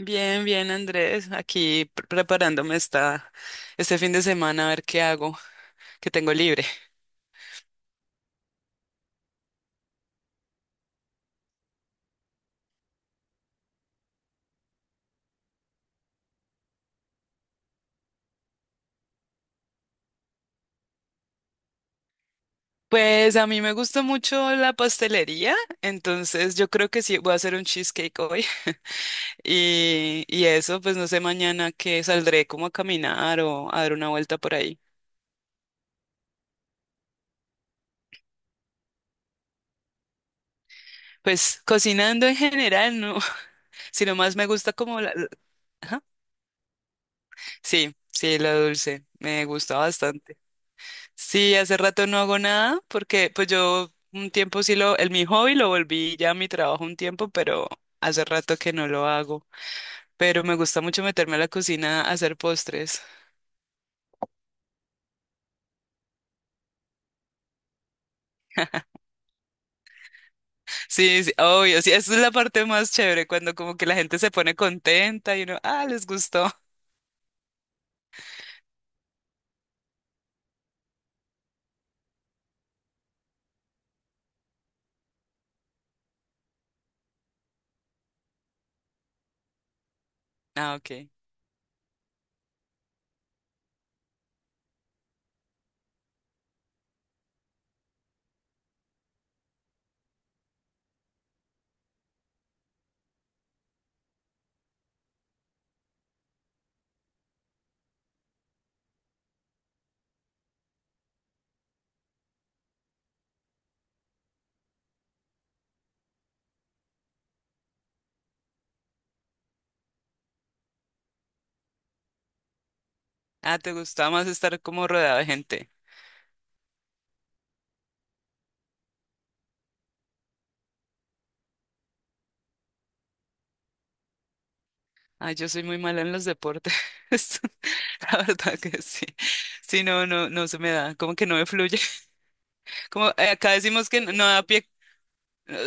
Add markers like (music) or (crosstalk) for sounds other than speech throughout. Bien, bien, Andrés, aquí preparándome este fin de semana a ver qué hago, que tengo libre. Pues a mí me gusta mucho la pastelería, entonces yo creo que sí voy a hacer un cheesecake hoy. (laughs) Y eso, pues no sé, mañana que saldré como a caminar o a dar una vuelta por ahí. Pues cocinando en general, no, (laughs) sino más me gusta como ajá. Sí, sí, la dulce, me gusta bastante. Sí, hace rato no hago nada porque pues yo un tiempo sí lo, el mi hobby lo volví ya mi trabajo un tiempo, pero hace rato que no lo hago. Pero me gusta mucho meterme a la cocina a hacer postres. Sí, sí, obvio, sí, esa es la parte más chévere cuando como que la gente se pone contenta y uno, ah, les gustó. (laughs) Ah, ok. Ah, te gustaba más estar como rodeada de gente. Ah, yo soy muy mala en los deportes. (laughs) La verdad que sí. Sí, no, no, no se me da, como que no me fluye. (laughs) Como acá decimos que no da pie.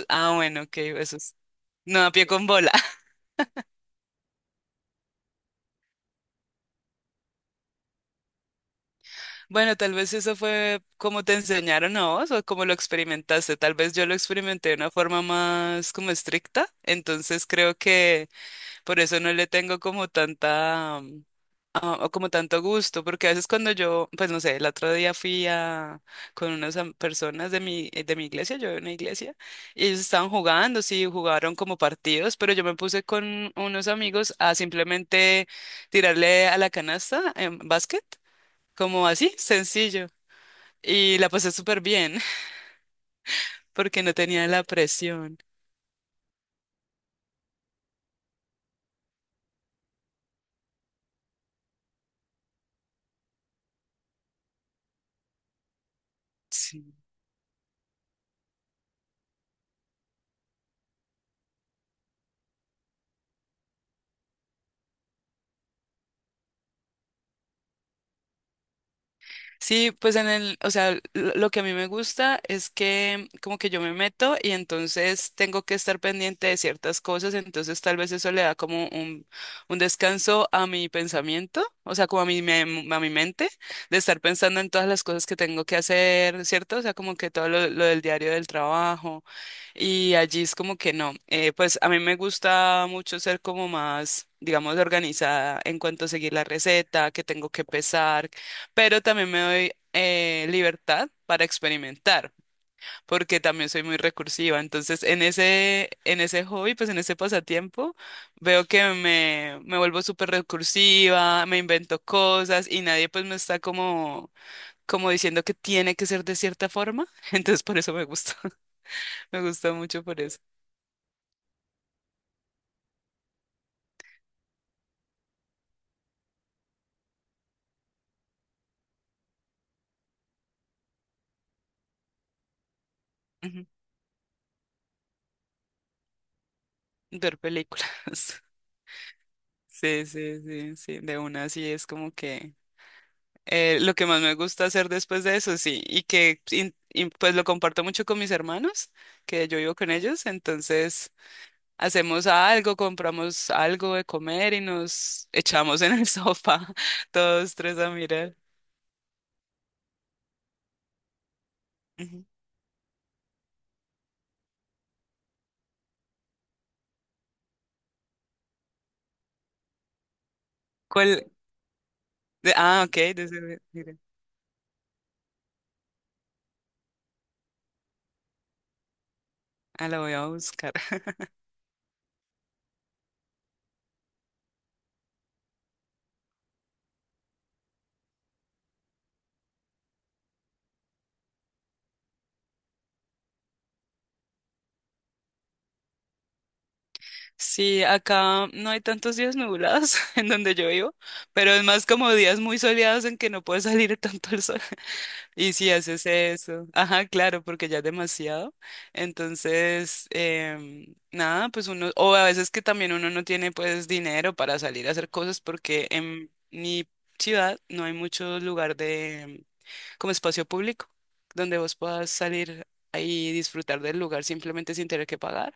Ah, bueno, ok, eso es. No, a pie con bola. (laughs) Bueno, tal vez eso fue como te enseñaron a vos o como lo experimentaste. Tal vez yo lo experimenté de una forma más como estricta. Entonces creo que por eso no le tengo como tanta, o como tanto gusto, porque a veces cuando yo, pues no sé, el otro día fui a, con unas personas de mi iglesia, yo de una iglesia, y ellos estaban jugando, sí, jugaron como partidos, pero yo me puse con unos amigos a simplemente tirarle a la canasta en básquet, como así, sencillo, y la pasé súper bien, (laughs) porque no tenía la presión. Sí. Sí, pues o sea, lo que a mí me gusta es que como que yo me meto y entonces tengo que estar pendiente de ciertas cosas, entonces tal vez eso le da como un descanso a mi pensamiento, o sea, como a mi mente, de estar pensando en todas las cosas que tengo que hacer, ¿cierto? O sea, como que todo lo del diario del trabajo. Y allí es como que no. Pues a mí me gusta mucho ser como más, digamos, organizada en cuanto a seguir la receta, que tengo que pesar, pero también me doy libertad para experimentar, porque también soy muy recursiva. Entonces, en ese hobby, pues en ese pasatiempo, veo que me vuelvo súper recursiva, me invento cosas y nadie pues me está como diciendo que tiene que ser de cierta forma. (laughs) Entonces, por eso me gusta, (laughs) me gusta mucho por eso. Ujú. Ver películas. (laughs) Sí, sí, sí, sí, de una sí es como que lo que más me gusta hacer después de eso, sí, y pues lo comparto mucho con mis hermanos, que yo vivo con ellos, entonces hacemos algo, compramos algo de comer y nos echamos en el (laughs) sofá todos tres a mirar. Ujú. ¿Cuál? Ah, ok, mira. Ah, la voy a buscar. (laughs) Sí, acá no hay tantos días nublados (laughs) en donde yo vivo, pero es más como días muy soleados en que no puede salir tanto el sol. (laughs) Y si haces eso, ajá, claro, porque ya es demasiado. Entonces, nada, pues uno, o a veces que también uno no tiene pues dinero para salir a hacer cosas porque en mi ciudad no hay mucho lugar de como espacio público, donde vos puedas salir ahí y disfrutar del lugar simplemente sin tener que pagar.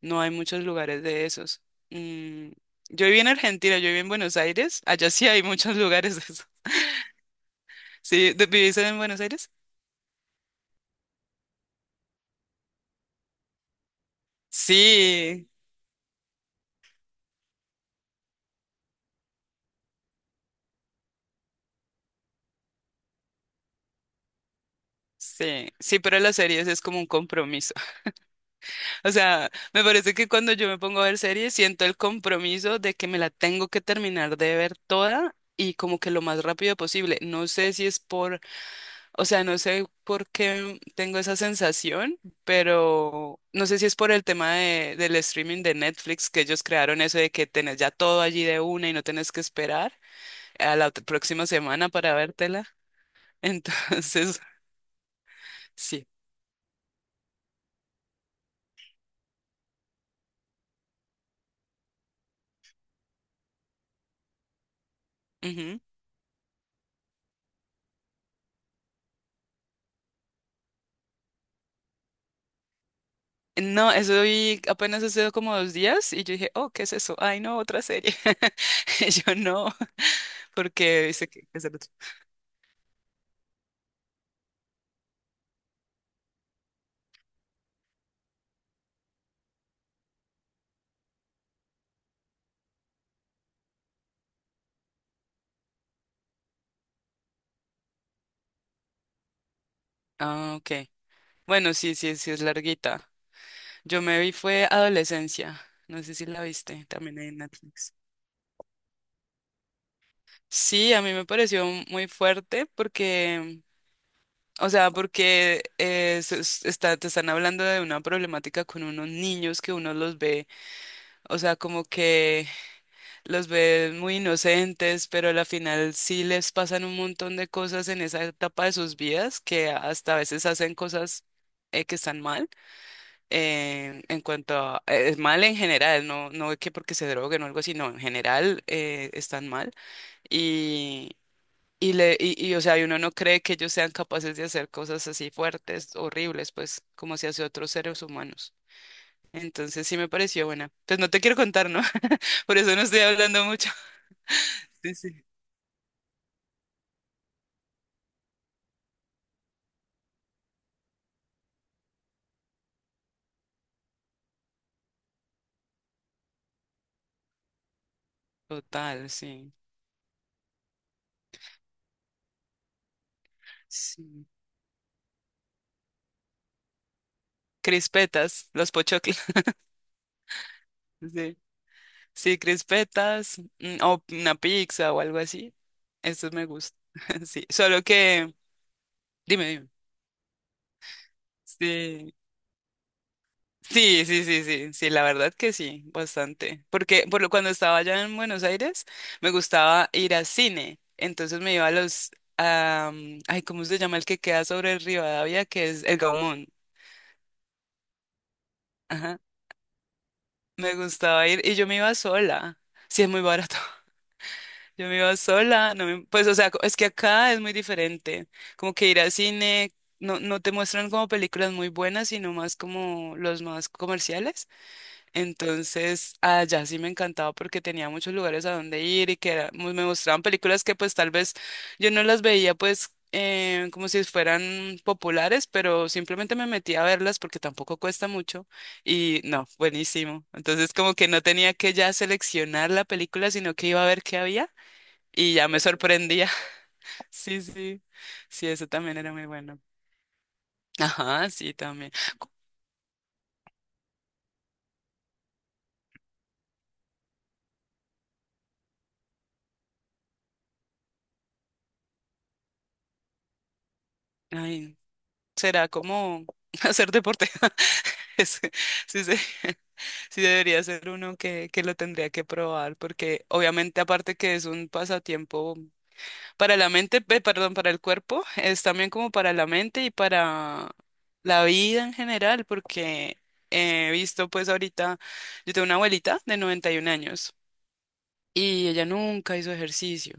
No hay muchos lugares de esos. Mm, yo viví en Argentina, yo viví en Buenos Aires. Allá sí hay muchos (laughs) lugares de esos. ¿Sí? ¿Vivís en Buenos Aires? Sí. Sí, sí, pero las series es como un compromiso. (laughs) O sea, me parece que cuando yo me pongo a ver series siento el compromiso de que me la tengo que terminar de ver toda y como que lo más rápido posible. No sé si es por, o sea, no sé por qué tengo esa sensación, pero no sé si es por el tema del streaming de Netflix que ellos crearon eso de que tenés ya todo allí de una y no tenés que esperar a la próxima semana para vértela. (laughs) Entonces, sí. Ujú. No, eso vi apenas hace como 2 días y yo dije, oh, ¿qué es eso? Ay, no, otra serie. (laughs) Y yo no, (laughs) porque dice que es el otro. Ah, ok. Bueno, sí, sí, sí es larguita. Yo me vi fue Adolescencia, no sé si la viste, también hay en Netflix. Sí, a mí me pareció muy fuerte porque, o sea, porque está, te están hablando de una problemática con unos niños que uno los ve, o sea, como que los ve muy inocentes, pero al final sí les pasan un montón de cosas en esa etapa de sus vidas que hasta a veces hacen cosas que están mal. En cuanto a, es mal en general, no, no es que porque se droguen o algo así, no, en general están mal y, o sea, y uno no cree que ellos sean capaces de hacer cosas así fuertes, horribles, pues como se hace a otros seres humanos. Entonces sí me pareció buena. Pues no te quiero contar, ¿no? (laughs) Por eso no estoy hablando mucho. (laughs) Sí, sí. Total, sí. Sí. Crispetas, los pochoclos. (laughs) Sí. Sí, crispetas, o una pizza o algo así. Estos me gustan. (laughs) Sí, solo que, dime, dime. Sí, sí, sí, sí, sí, sí, la verdad que sí, bastante. Porque cuando estaba allá en Buenos Aires, me gustaba ir a cine. Entonces me iba a los, ay, ¿cómo se llama el que queda sobre el Rivadavia? Que es el Gaumont. Ajá. Me gustaba ir y yo me iba sola. Sí, es muy barato. Yo me iba sola, no pues o sea, es que acá es muy diferente, como que ir al cine, no, no te muestran como películas muy buenas, sino más como los más comerciales, entonces allá sí me encantaba porque tenía muchos lugares a donde ir y que me mostraban películas que pues tal vez yo no las veía pues como si fueran populares, pero simplemente me metía a verlas porque tampoco cuesta mucho y no, buenísimo, entonces como que no tenía que ya seleccionar la película, sino que iba a ver qué había. Y ya me sorprendía. (laughs) Sí, sí. Sí, eso también era muy bueno. Ajá, sí, también. Co- Ay, será como (laughs) hacer deporte. (laughs) Es- Sí, sí, (laughs) sí debería ser uno que lo tendría que probar, porque obviamente aparte que es un pasatiempo para la mente, perdón, para el cuerpo, es también como para la mente y para la vida en general, porque he visto pues ahorita, yo tengo una abuelita de 91 años y ella nunca hizo ejercicio.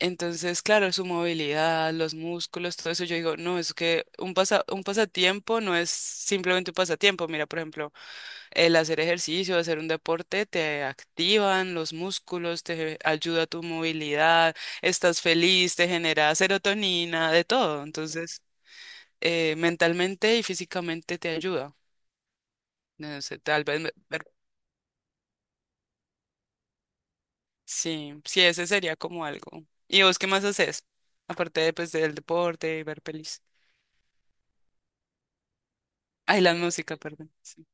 Entonces, claro, su movilidad, los músculos, todo eso, yo digo, no, es que un pasatiempo no es simplemente un pasatiempo. Mira, por ejemplo, el hacer ejercicio, hacer un deporte, te activan los músculos, te ayuda a tu movilidad, estás feliz, te genera serotonina, de todo. Entonces, mentalmente y físicamente te ayuda. No sé, tal vez, sí, sí, ese sería como algo. ¿Y vos qué más haces? Aparte, pues, del deporte y ver pelis. Ay, la música, perdón. Sí.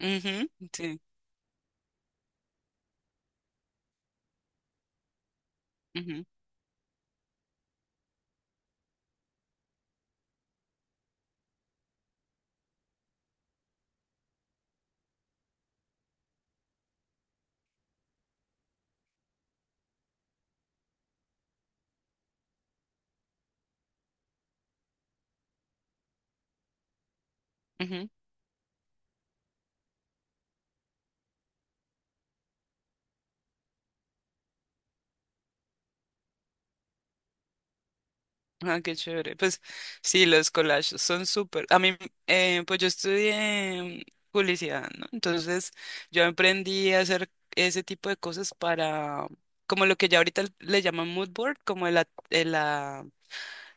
Ujú, sí. Ujú, ujú. Ah, qué chévere. Pues sí, los collages son súper. A mí, pues yo estudié publicidad, ¿no? Entonces yo aprendí a hacer ese tipo de cosas para, como lo que ya ahorita le llaman mood board, como el,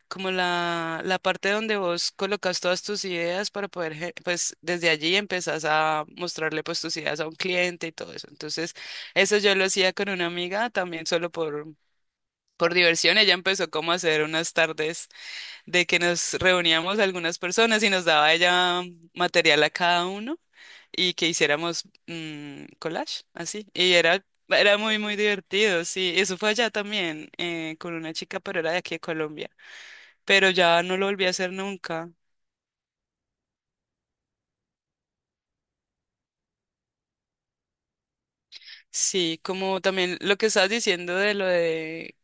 como la parte donde vos colocas todas tus ideas para poder, pues desde allí empezás a mostrarle pues tus ideas a un cliente y todo eso. Entonces, eso yo lo hacía con una amiga también solo por diversión. Ella empezó como a hacer unas tardes de que nos reuníamos algunas personas y nos daba ella material a cada uno y que hiciéramos collage, así. Era muy, muy divertido, sí. Eso fue allá también, con una chica, pero era de aquí de Colombia, pero ya no lo volví a hacer nunca. Sí, como también lo que estabas diciendo de lo de,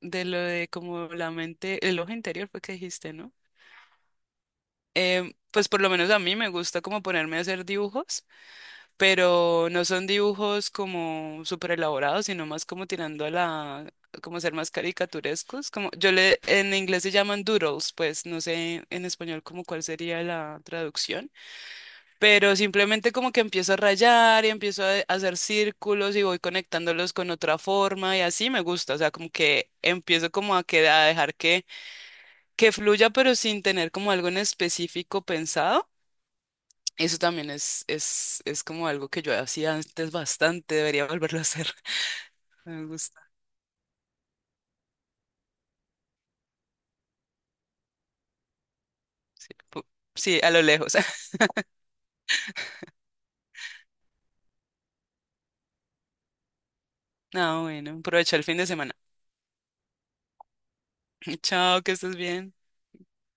como la mente, el ojo interior, fue que dijiste, ¿no? Pues por lo menos a mí me gusta como ponerme a hacer dibujos, pero no son dibujos como súper elaborados, sino más como tirando a la, como ser más caricaturescos, en inglés se llaman doodles, pues no sé en español como cuál sería la traducción, pero simplemente como que empiezo a rayar y empiezo a hacer círculos y voy conectándolos con otra forma y así me gusta, o sea, como que empiezo como a dejar que fluya, pero sin tener como algo en específico pensado. Eso también es como algo que yo hacía antes bastante, debería volverlo a hacer. (laughs) Me gusta. Pu- Sí, a lo lejos. (laughs) No, bueno, aprovecha el fin de semana. (laughs) Chao, que estés bien.